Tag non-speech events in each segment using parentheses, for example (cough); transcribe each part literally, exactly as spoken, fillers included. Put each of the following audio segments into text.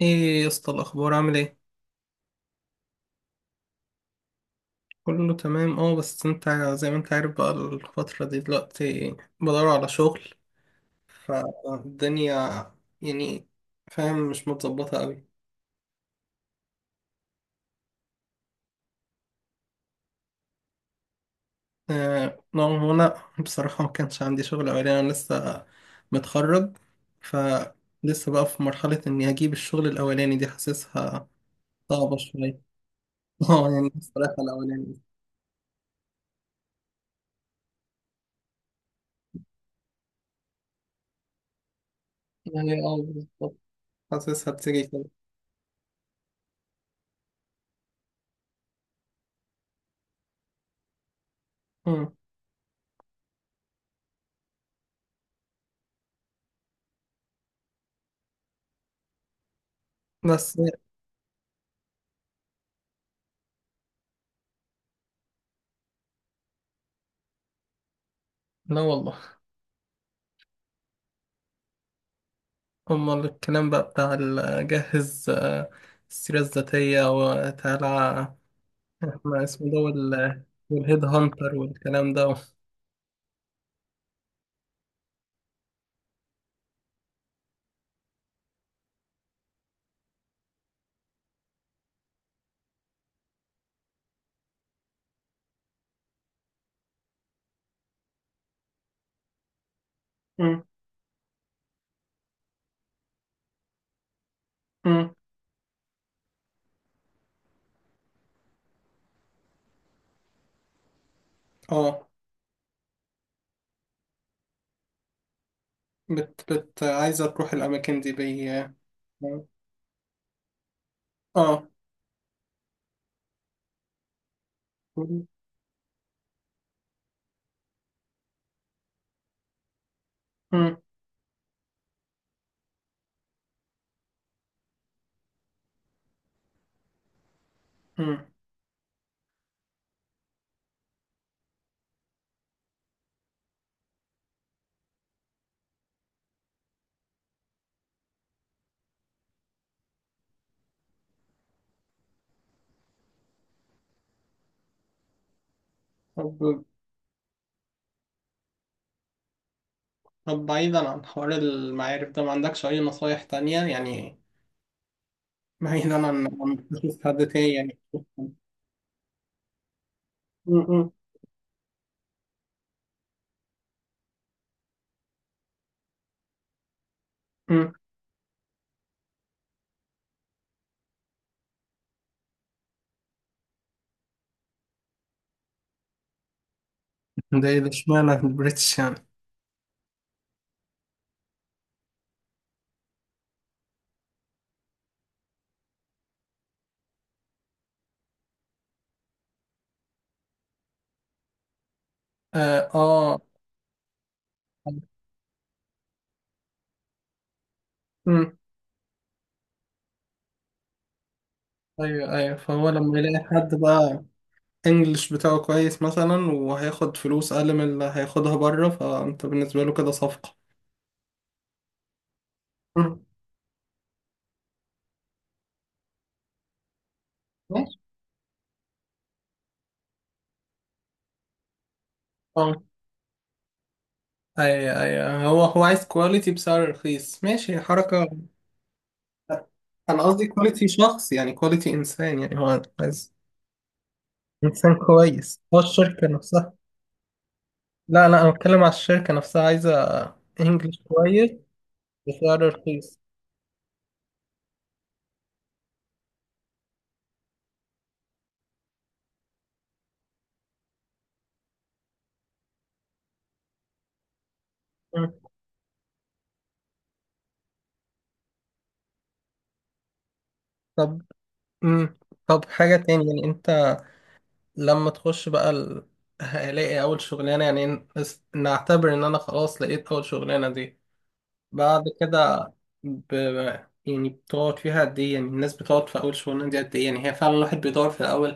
ايه يا اسطى الاخبار عامل ايه؟ كله تمام. اه بس انت زي ما انت عارف بقى الفترة دي دلوقتي بدور على شغل فالدنيا، يعني فاهم، مش متظبطة قوي. آه نعم، انا بصراحة ما كانش عندي شغل اولاني، انا لسه متخرج، فلسه بقى في مرحلة اني اجيب الشغل الاولاني دي، حاسسها صعبة شوية. (laughs) اه يعني بصراحة الاولاني، يعني اه بالظبط، حاسسها بتيجي كده. مم. بس لا والله. أمال الكلام بقى بتاع ال- جهز، آه، السيرة الذاتية وتعالى، احنا اسمه ده وال- والهيد هانتر والكلام ده. مم. مم. اه بت بت عايزة تروح الأماكن دي بي اه. آه. مم. مم. طب، طب بعيدا عن حوار المعارف ده، ما عندكش أي نصايح تانية يعني؟ بعيدا عن عن تشوف حد تاني يعني. مم. مم. مم. ده ايه ده، اشمعنى البريتش يعني؟ اه. آه. ايوه ايوه، فهو لما يلاقي حد بقى انجلش بتاعه كويس مثلا وهياخد فلوس اقل من اللي هياخدها بره، فانت بالنسبه له كده صفقه. مم. ماشي. اه ايوه ايوه، هو هو عايز كواليتي بسعر رخيص، ماشي حركه. انا قصدي كواليتي شخص، يعني كواليتي انسان، يعني هو عايز انسان كويس، هو الشركه نفسها. لا لا، انا بتكلم على الشركه نفسها عايزه انجلش كويس بسعر رخيص. مم. طب. مم. طب حاجه تاني، يعني انت لما تخش بقى ال... هلاقي أول شغلانة، يعني ن- نس- نعتبر إن أنا خلاص لقيت أول شغلانة دي، بعد كده ب... يعني بتقعد فيها قد إيه؟ يعني الناس بتقعد في أول شغلانة دي قد إيه؟ يعني هي فعلا الواحد بيدور في الأول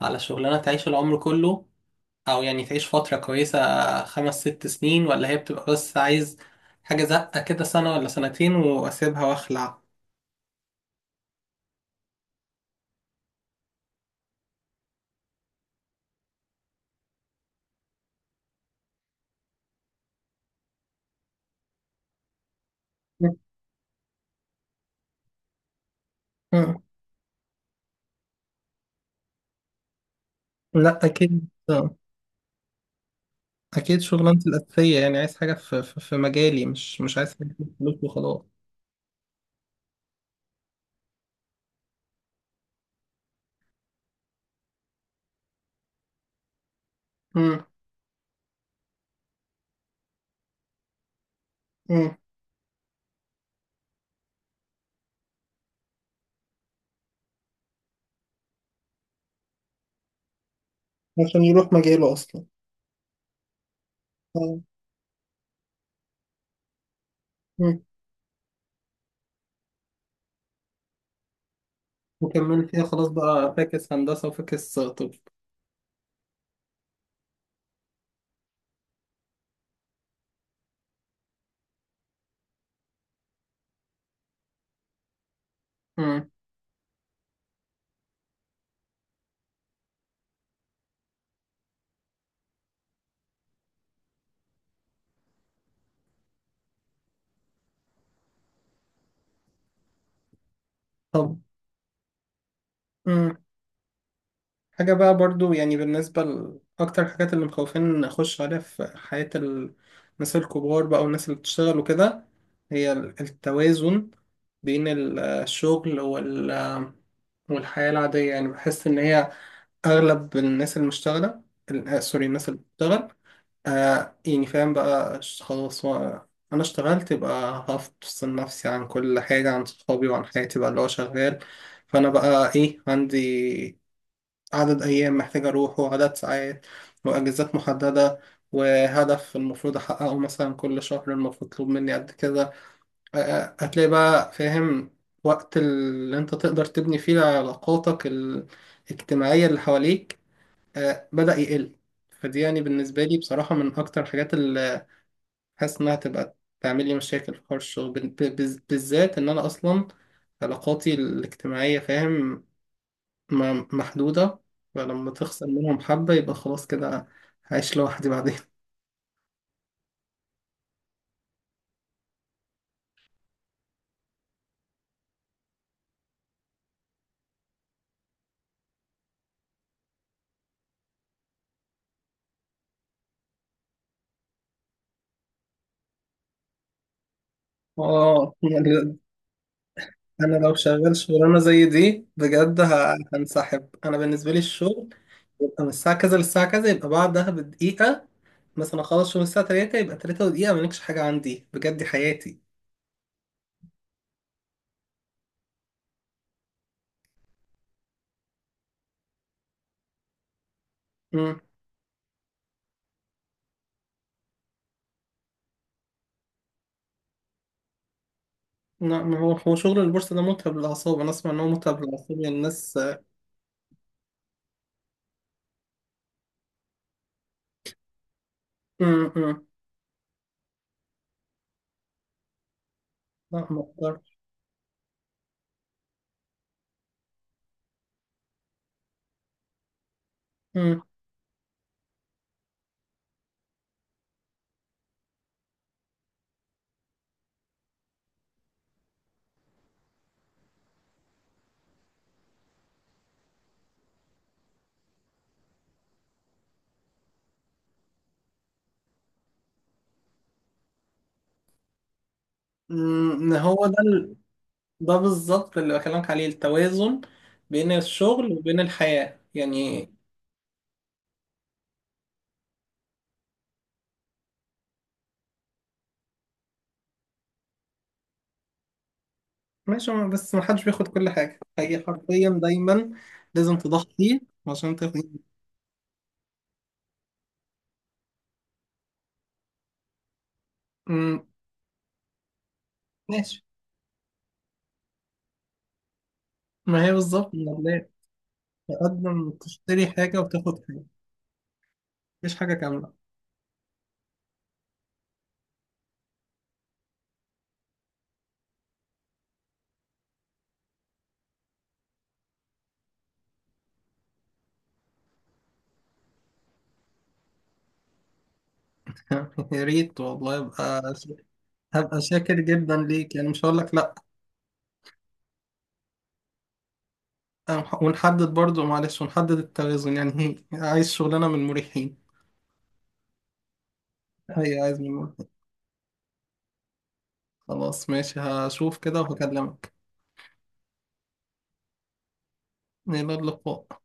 على شغلانة تعيش العمر كله، أو يعني تعيش فترة كويسة، خمس ست سنين، ولا هي بتبقى بس عايز حاجة زقة كده سنة ولا سنتين وأسيبها وأخلع. مم. لا أكيد، اكيد شغلانتي الاساسيه، يعني عايز حاجه في في في مجالي، مش مش عايز حاجه في فلوس وخلاص. امم. امم، عشان يروح مجاله اصلا. آه. امم، وكمل فيها خلاص بقى، فاكس هندسه وفاكس طب. امم. طب. امم، حاجه بقى برضو يعني بالنسبه لاكتر الحاجات اللي مخوفين اخش عليها في حياه ال- الناس الكبار بقى والناس اللي بتشتغل وكده، هي ال- التوازن بين ال- الشغل وال والحياة العادية، يعني بحس إن هي اغلب الناس المشتغله ال- آه، سوري، الناس اللي بتشتغل آه، يعني فاهم بقى، ش- خلاص و- انا اشتغلت يبقى هفصل نفسي عن كل حاجه، عن صحابي وعن حياتي بقى اللي هو شغال، فانا بقى ايه، عندي عدد ايام محتاج اروحه وعدد ساعات واجازات محدده وهدف المفروض احققه، مثلا كل شهر المفروض مطلوب مني قد كذا، آه، آه، هتلاقي بقى فاهم وقت اللي انت تقدر تبني فيه علاقاتك ال- الاجتماعية اللي حواليك آه، بدأ يقل. فدي يعني بالنسبة لي بصراحة من أكتر الحاجات اللي حاسس إنها تبقى تعمل لي مشاكل في حوار الشغل بال- ب- بز- بالذات، إن أنا أصلا علاقاتي الاجتماعية فاهم م- محدودة، فلما تخسر منهم حبة يبقى خلاص كده هعيش لوحدي بعدين. آه يعني أنا لو شغال شغلانة زي دي بجد ه- هنسحب. أنا بالنسبة لي الشغل يبقى من الساعة كذا للساعة كذا، يبقى بعدها بدقيقة مثلا، أخلص شغل الساعة تلاتة يبقى تلاتة ودقيقة مالكش حاجة عندي، بجد دي حياتي. امم. لا ما هو هو شغل البورصة ده متعب للأعصاب، أنا أسمع إن هو متعب للأعصاب يعني الناس. امم. امم، لا ما أقدرش. امم. أمم، هو ده ال... ده بالظبط اللي بكلمك عليه، التوازن بين الشغل وبين الحياة يعني. ماشي، ما- بس ما حدش بياخد كل حاجة، هي حرفيا دايما لازم تضحي عشان تاخد. امم. ماشي، ما هي بالظبط، ما تقدم تشتري حاجة وتاخد حاجة، مفيش حاجة كاملة. (laughs) يا ريت والله، يبقى هبقى شاكر جدا ليك، يعني مش هقول لك لا. ونحدد برضو معلش، ونحدد التوازن يعني، هي عايز شغلانة من المريحين، هي عايز من المريحين. خلاص ماشي، هشوف كده وهكلمك. إلى اللقاء.